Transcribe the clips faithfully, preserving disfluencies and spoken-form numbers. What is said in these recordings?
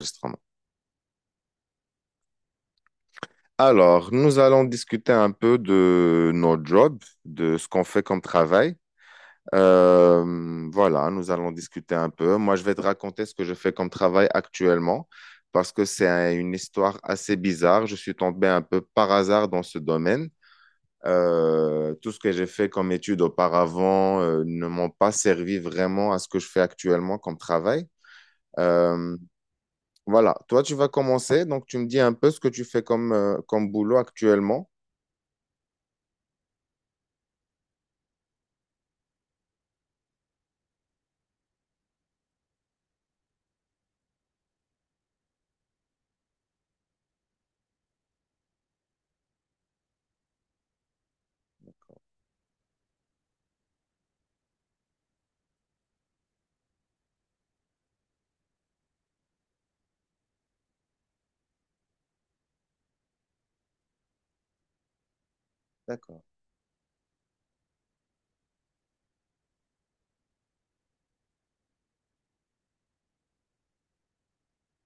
Enregistrement. Alors, nous allons discuter un peu de nos jobs, de ce qu'on fait comme travail. Euh, voilà, nous allons discuter un peu. Moi, je vais te raconter ce que je fais comme travail actuellement parce que c'est un- une histoire assez bizarre. Je suis tombé un peu par hasard dans ce domaine. Euh, tout ce que j'ai fait comme études auparavant, euh, ne m'ont pas servi vraiment à ce que je fais actuellement comme travail. Euh, voilà, toi, tu vas commencer. Donc, tu me dis un peu ce que tu fais comme, euh, comme boulot actuellement. D'accord.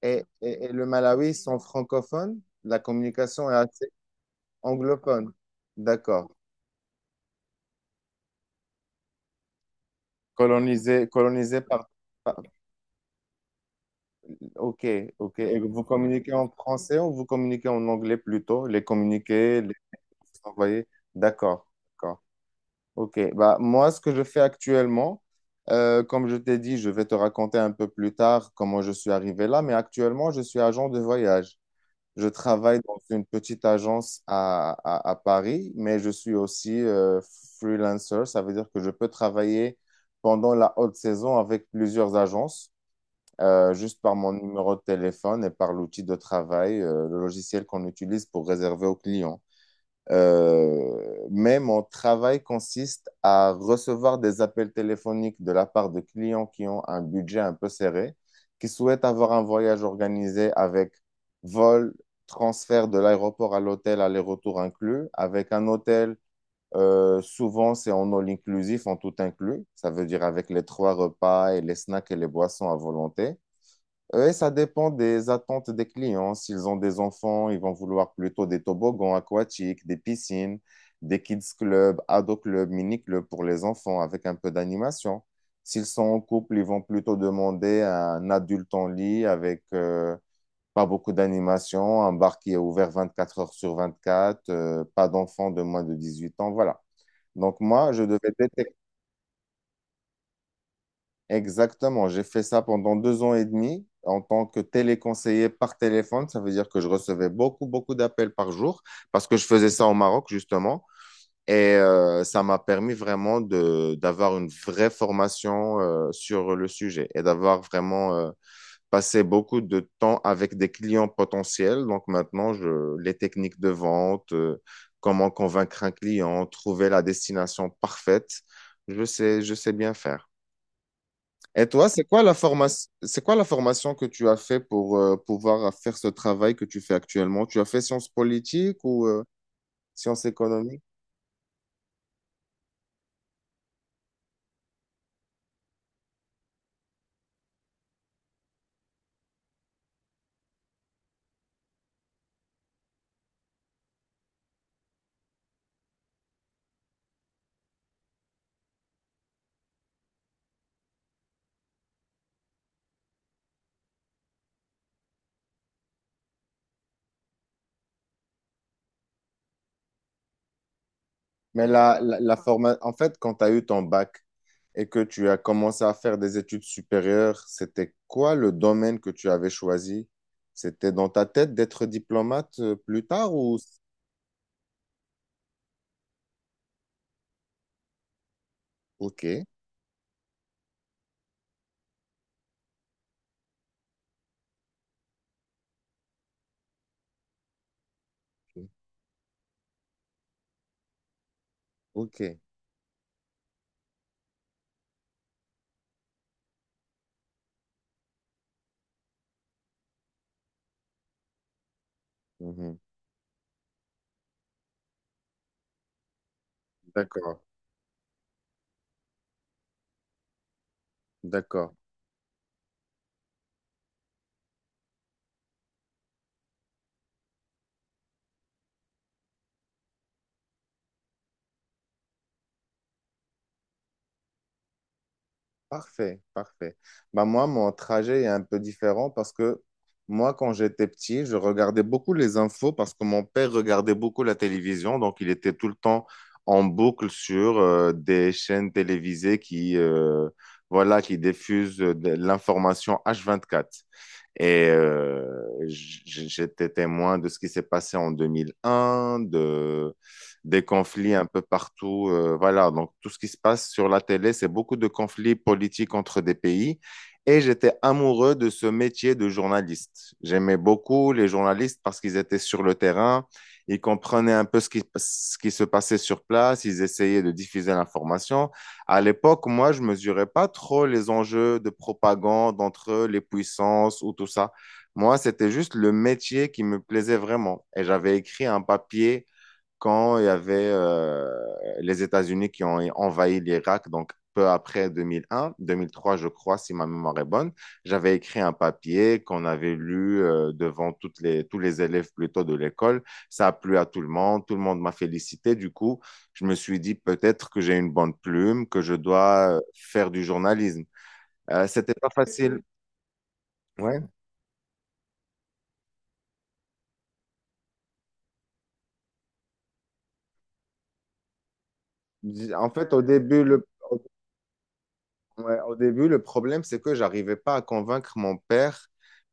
Et, et, et le Malawi ils sont francophones, la communication est assez anglophone. D'accord. Colonisé, colonisé par, par- ok, ok. Et vous communiquez en français ou vous communiquez en anglais plutôt? Les communiqués, les envoyés. D'accord, d'accord. Ok, bah, moi, ce que je fais actuellement, euh, comme je t'ai dit, je vais te raconter un peu plus tard comment je suis arrivé là, mais actuellement, je suis agent de voyage. Je travaille dans une petite agence à, à- à Paris, mais je suis aussi euh, freelancer. Ça veut dire que je peux travailler pendant la haute saison avec plusieurs agences, euh, juste par mon numéro de téléphone et par l'outil de travail, euh, le logiciel qu'on utilise pour réserver aux clients. Euh, mais mon travail consiste à recevoir des appels téléphoniques de la part de clients qui ont un budget un peu serré, qui souhaitent avoir un voyage organisé avec vol, transfert de l'aéroport à l'hôtel, aller-retour inclus, avec un hôtel, euh, souvent c'est en all inclusif, en tout inclus, ça veut dire avec les trois repas et les snacks et les boissons à volonté. Oui, ça dépend des attentes des clients. S'ils ont des enfants, ils vont vouloir plutôt des toboggans aquatiques, des piscines, des kids clubs, ado clubs, mini clubs pour les enfants avec un peu d'animation. S'ils sont en couple, ils vont plutôt demander un adulte en lit avec euh, pas beaucoup d'animation, un bar qui est ouvert vingt-quatre heures sur vingt-quatre, euh, pas d'enfants de moins de dix-huit ans, voilà. Donc moi, je devais détecter. Exactement, j'ai fait ça pendant deux ans et demi en tant que téléconseiller par téléphone. Ça veut dire que je recevais beaucoup, beaucoup d'appels par jour parce que je faisais ça au Maroc, justement. Et euh, ça m'a permis vraiment de, d'avoir une vraie formation euh, sur le sujet et d'avoir vraiment euh, passé beaucoup de temps avec des clients potentiels. Donc maintenant, je, les techniques de vente, euh, comment convaincre un client, trouver la destination parfaite, je sais, je sais bien faire. Et toi, c'est quoi la formation, c'est quoi la formation que tu as fait pour euh, pouvoir faire ce travail que tu fais actuellement? Tu as fait sciences politiques ou euh, sciences économiques? Mais la, la, la forma- en fait, quand tu as eu ton bac et que tu as commencé à faire des études supérieures, c'était quoi le domaine que tu avais choisi? C'était dans ta tête d'être diplomate euh, plus tard ou. Ok, ok. ok. Mhm. D'accord, d'accord. Parfait, parfait. Bah moi, mon trajet est un peu différent parce que moi, quand j'étais petit, je regardais beaucoup les infos parce que mon père regardait beaucoup la télévision. Donc, il était tout le temps en boucle sur euh, des chaînes télévisées qui, euh, voilà, qui diffusent euh, de l'information h vingt-quatre. Et euh, j'étais témoin de ce qui s'est passé en deux mille un, de, des conflits un peu partout. Euh, voilà, donc tout ce qui se passe sur la télé, c'est beaucoup de conflits politiques entre des pays. Et j'étais amoureux de ce métier de journaliste. J'aimais beaucoup les journalistes parce qu'ils étaient sur le terrain, ils comprenaient un peu ce qui, ce qui se passait sur place, ils essayaient de diffuser l'information. À l'époque, moi, je mesurais pas trop les enjeux de propagande entre les puissances ou tout ça. Moi, c'était juste le métier qui me plaisait vraiment. Et j'avais écrit un papier quand il y avait euh, les États-Unis qui ont envahi l'Irak, donc peu après deux mille un, deux mille trois, je crois, si ma mémoire est bonne. J'avais écrit un papier qu'on avait lu euh, devant toutes les, tous les élèves plutôt de l'école. Ça a plu à tout le monde, tout le monde m'a félicité. Du coup, je me suis dit peut-être que j'ai une bonne plume, que je dois euh, faire du journalisme. Euh, c'était pas facile. Ouais. En fait, au début, le, ouais, au début, le problème, c'est que j'arrivais pas à convaincre mon père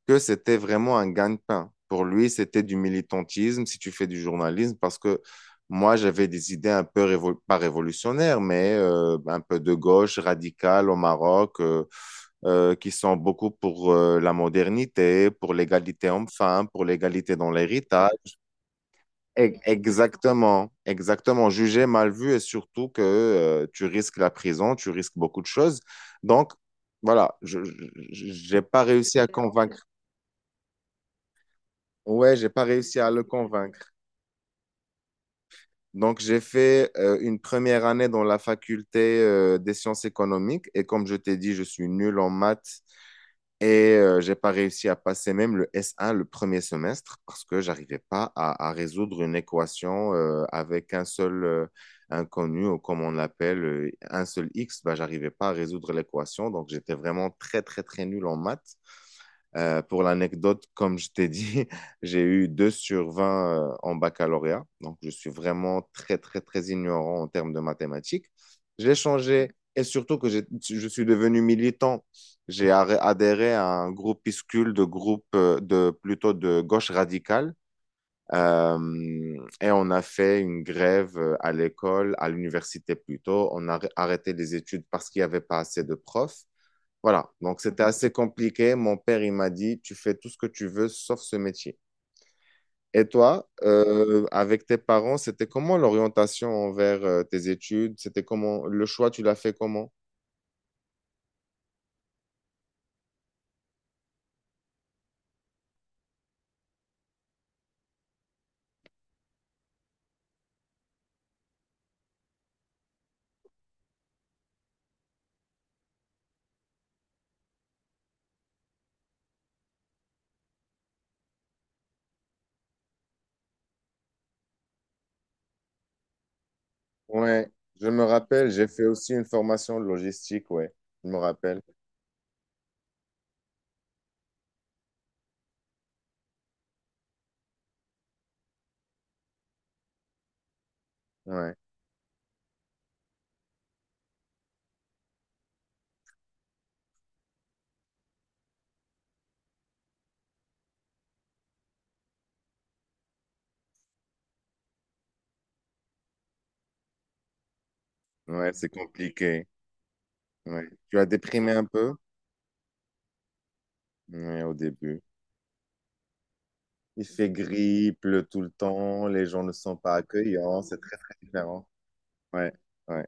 que c'était vraiment un gagne-pain. Pour lui, c'était du militantisme si tu fais du journalisme, parce que moi, j'avais des idées un peu, révo- pas révolutionnaires, mais euh, un peu de gauche, radicale au Maroc, euh, euh, qui sont beaucoup pour euh, la modernité, pour l'égalité homme-femme, pour l'égalité dans l'héritage. E- Exactement, exactement. Jugé, mal vu et surtout que euh, tu risques la prison, tu risques beaucoup de choses. Donc, voilà, je, je- j'ai pas réussi à convaincre. Ouais, j'ai pas réussi à le convaincre. Donc, j'ai fait euh, une première année dans la faculté euh, des sciences économiques et comme je t'ai dit, je suis nul en maths. Et euh, j'ai pas réussi à passer même le S un, le premier semestre, parce que j'arrivais pas à, à résoudre une équation euh, avec un seul euh, inconnu ou comme on l'appelle euh, un seul X. Bah, j'arrivais pas à résoudre l'équation, donc j'étais vraiment très très très nul en maths. Euh, pour l'anecdote, comme je t'ai dit, j'ai eu deux sur vingt euh, en baccalauréat. Donc, je suis vraiment très, très, très ignorant en termes de mathématiques. J'ai changé et surtout que j'ai- je suis devenu militant. J'ai arré- adhéré à un groupuscule de groupes euh, de, plutôt de gauche radicale. Euh, et on a fait une grève euh, à l'école, à l'université plutôt. On a arrêté les études parce qu'il n'y avait pas assez de profs. Voilà, donc c'était assez compliqué. Mon père, il m'a dit, tu fais tout ce que tu veux sauf ce métier. Et toi, euh, avec tes parents, c'était comment l'orientation envers euh, tes études? C'était comment le choix, tu l'as fait comment? Ouais, je me rappelle, j'ai fait aussi une formation de logistique, ouais, je me rappelle. Ouais, ouais, c'est compliqué. Ouais. Tu as déprimé un peu? Ouais, au début. Il fait gris, il pleut tout le temps, les gens ne sont pas accueillants, c'est très, très différent. Ouais, ouais,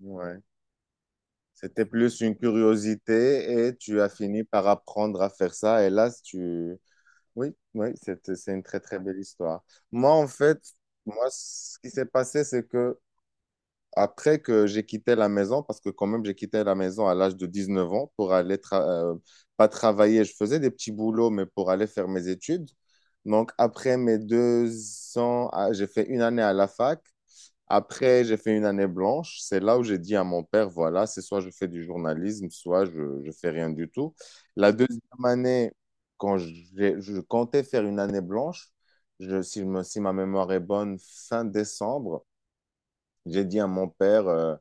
ouais. C'était plus une curiosité et tu as fini par apprendre à faire ça. Et là, tu. Oui, oui, c'est, c'est une très, très belle histoire. Moi, en fait, moi, ce qui s'est passé, c'est que après que j'ai quitté la maison, parce que quand même, j'ai quitté la maison à l'âge de dix neuf ans pour aller, tra- euh, pas travailler, je faisais des petits boulots, mais pour aller faire mes études. Donc, après mes deux ans, ah, j'ai fait une année à la fac. Après, j'ai fait une année blanche. C'est là où j'ai dit à mon père, voilà, c'est soit je fais du journalisme, soit je, je fais rien du tout. La deuxième année, quand j'ai- je comptais faire une année blanche, je, si, je me- si ma mémoire est bonne, fin décembre, j'ai dit à mon père, euh,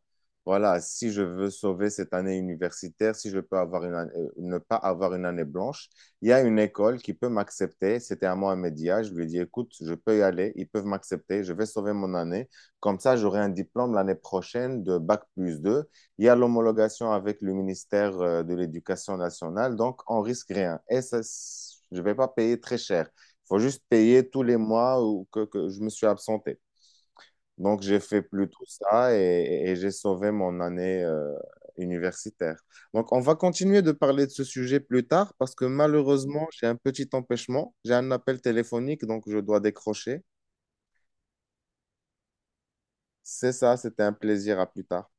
voilà, si je veux sauver cette année universitaire, si je peux avoir une année- euh, ne pas avoir une année blanche, il y a une école qui peut m'accepter. C'était à Mohamedia. Je lui ai dit, écoute, je peux y aller, ils peuvent m'accepter, je vais sauver mon année. Comme ça, j'aurai un diplôme l'année prochaine de Bac plus deux. Il y a l'homologation avec le ministère euh, de l'Éducation nationale, donc on risque rien. Et ça, c- je ne vais pas payer très cher. Il faut juste payer tous les mois ou que, que je me suis absenté. Donc, j'ai fait plutôt ça et, et j'ai sauvé mon année euh, universitaire. Donc, on va continuer de parler de ce sujet plus tard parce que malheureusement, j'ai un petit empêchement. J'ai un appel téléphonique, donc je dois décrocher. C'est ça, c'était un plaisir. À plus tard.